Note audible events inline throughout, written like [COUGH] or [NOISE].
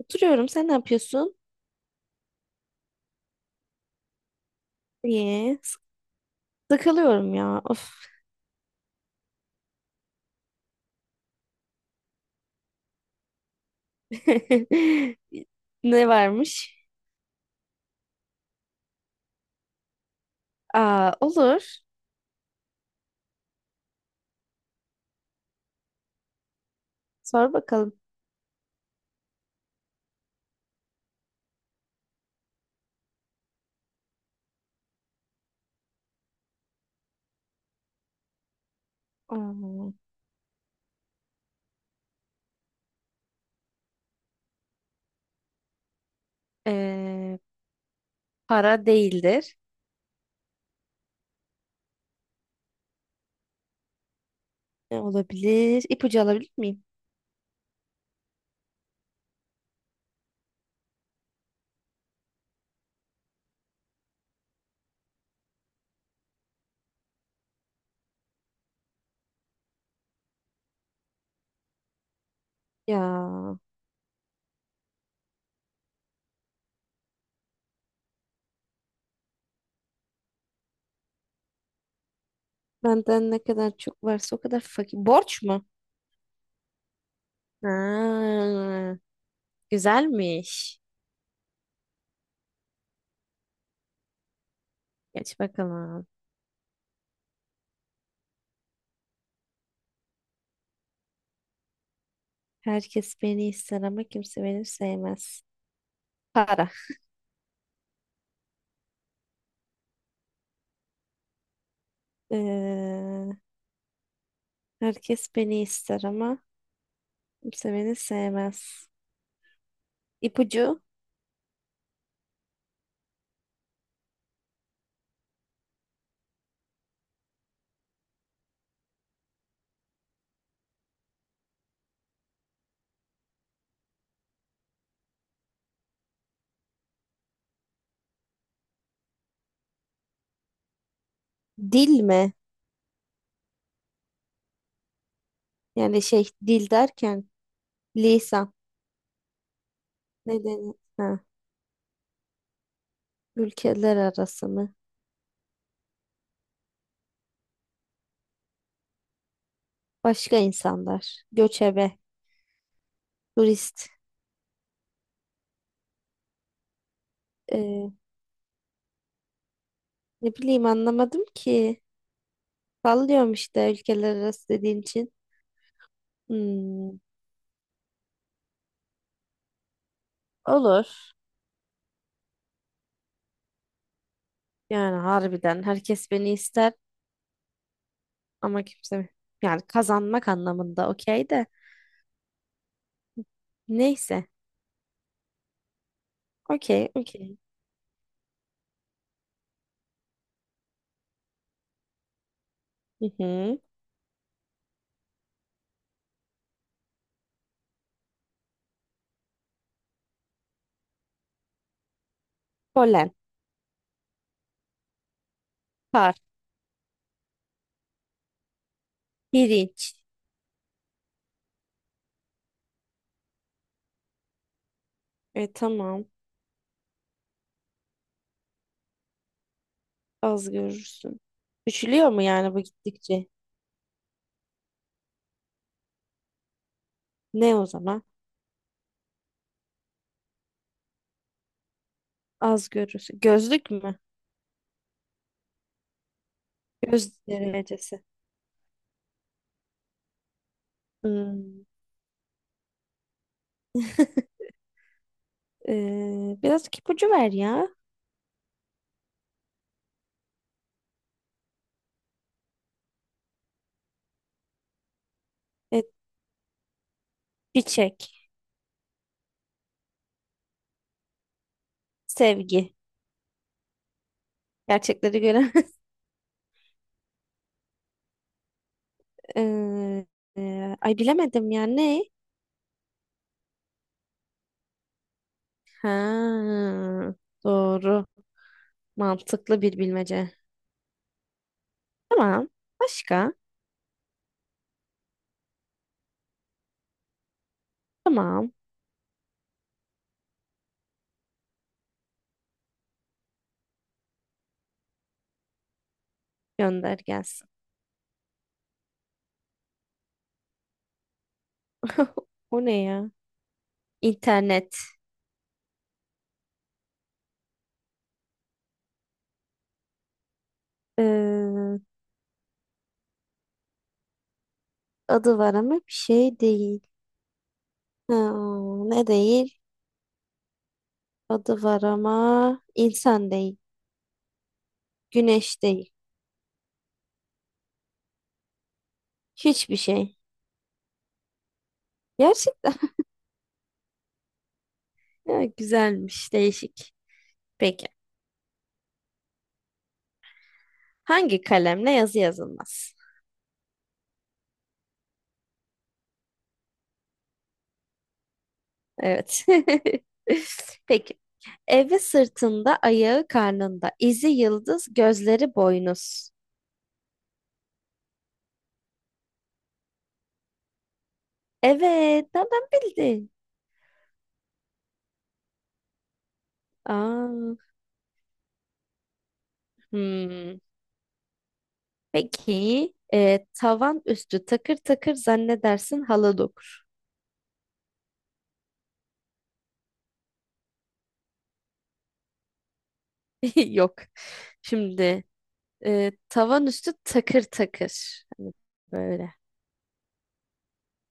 Oturuyorum. Sen ne yapıyorsun? İyi. Sıkılıyorum ya. Of. [LAUGHS] Ne varmış? Aa, olur. Sor bakalım. Aa, ee, para değildir. Ne olabilir? İpucu alabilir miyim? Ya benden ne kadar çok varsa o kadar fakir. Borç mu? Ha, güzelmiş. Geç bakalım. Herkes beni ister ama kimse beni sevmez. Para. Ee, herkes beni ister ama kimse beni sevmez. İpucu, dil mi? Yani şey dil derken lisan. Neden? Ha, ülkeler arası mı? Başka insanlar. Göçebe. Turist. Ee, ne bileyim anlamadım ki. Sallıyorum işte ülkeler arası dediğin için. Hmm, olur. Yani harbiden herkes beni ister ama kimse, yani kazanmak anlamında okey de. Neyse. Okey, okey. Hı hı. Polen. Par. Pirinç. E tamam. Az görürsün. Küçülüyor mu yani bu gittikçe? Ne o zaman? Az görürsün. Gözlük mü? Göz derecesi. Hmm. [LAUGHS] Biraz ipucu ver ya. Evet, çiçek, sevgi. Gerçekleri gören. [LAUGHS] Ee, ay bilemedim ya ne? Ha, doğru. Mantıklı bir bilmece. Tamam. Başka? Tamam. Gönder gelsin. [LAUGHS] O ne ya? İnternet. Ee, Adı var ama bir şey değil. Ha, ne değil? Adı var ama insan değil. Güneş değil. Hiçbir şey. Gerçekten. [LAUGHS] Ya, güzelmiş, değişik. Peki. Hangi kalemle yazı yazılmaz? Evet. [LAUGHS] Peki. Evi sırtında, ayağı karnında. İzi yıldız, gözleri boynuz. Evet, nereden bildin? Aa, hmm. Peki. Tavan üstü takır takır zannedersin halı dokur. [LAUGHS] Yok. Şimdi, tavan üstü takır takır. Hani böyle.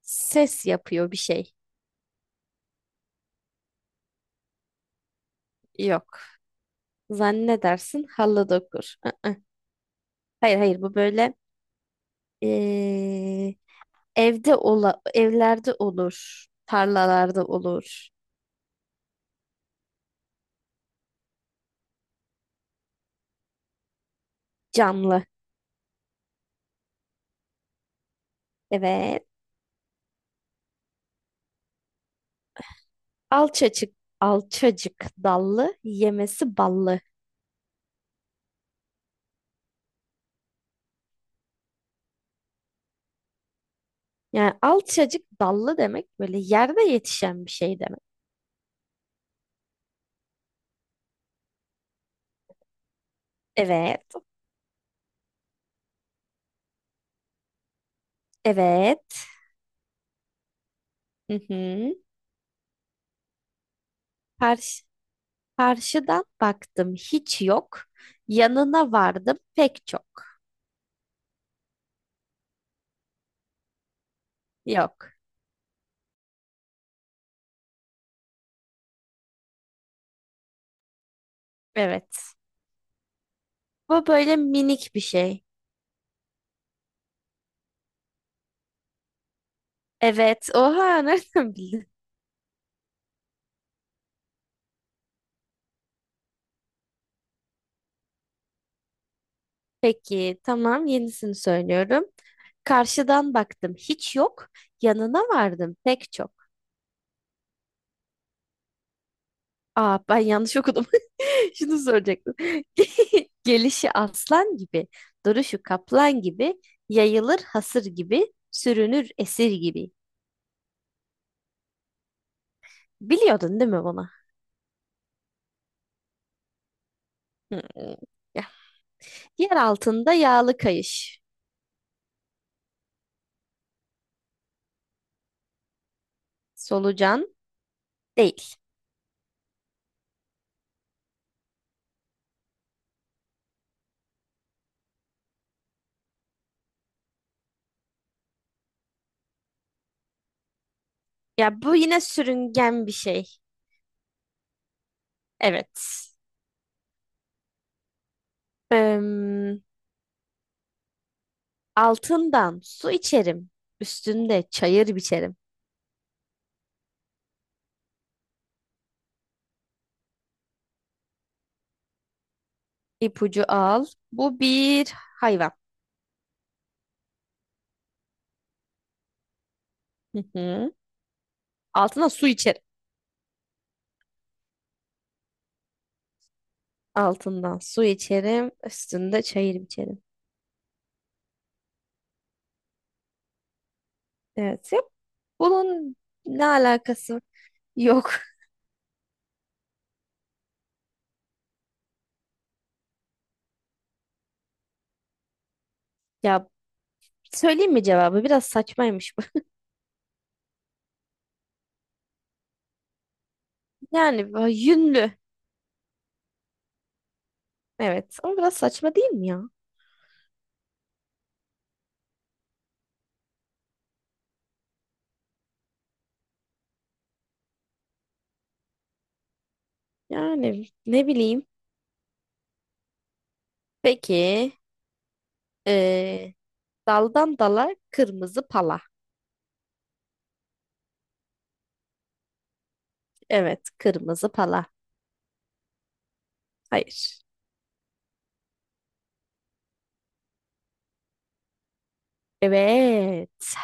Ses yapıyor bir şey. Yok. Zannedersin halı dokur. Aa. Hayır hayır, bu böyle, e, evlerde olur. Tarlalarda olur. Camlı. Evet. Alçacık alçacık dallı yemesi ballı. Yani alçacık dallı demek böyle yerde yetişen bir şey demek. Evet. Evet. Hı hı. Karşı, karşıdan baktım hiç yok. Yanına vardım pek çok. Yok. Evet. Bu böyle minik bir şey. Evet. Oha [LAUGHS] nereden bildin? Peki tamam, yenisini söylüyorum. Karşıdan baktım hiç yok. Yanına vardım pek çok. Aa, ben yanlış okudum. [LAUGHS] Şunu soracaktım. [LAUGHS] Gelişi aslan gibi, duruşu kaplan gibi, yayılır hasır gibi, sürünür esir gibi. Biliyordun değil mi bunu? Hmm. Ya, yer altında yağlı kayış. Solucan değil. Ya bu yine sürüngen bir şey. Evet. Em, altından su içerim. Üstünde çayır biçerim. İpucu al. Bu bir hayvan. Hı hı. Altına su içerim. Altından su içerim. Üstünde çayır biçerim. Evet. Yok. Bunun ne alakası yok. Ya, söyleyeyim mi cevabı? Biraz saçmaymış bu. [LAUGHS] Yani bu yünlü. Evet ama biraz saçma değil mi ya? Yani ne bileyim. Peki eee, daldan dala kırmızı pala. Evet kırmızı pala. Hayır. Evet.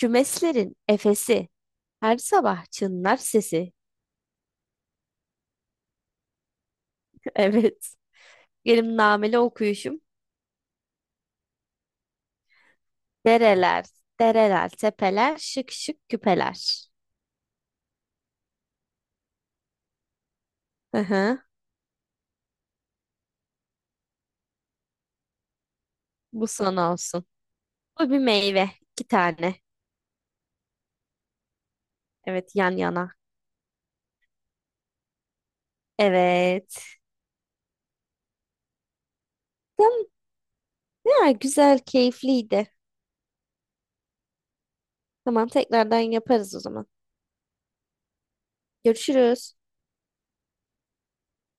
Kümeslerin efesi. Her sabah çınlar sesi. [LAUGHS] Evet. Benim nameli okuyuşum. Dereler, dereler, tepeler, şık şık küpeler. Hı hı. Bu son olsun. Bu bir meyve. İki tane. Evet yan yana. Evet. Tam- Ya, güzel, keyifliydi. Tamam tekrardan yaparız o zaman. Görüşürüz.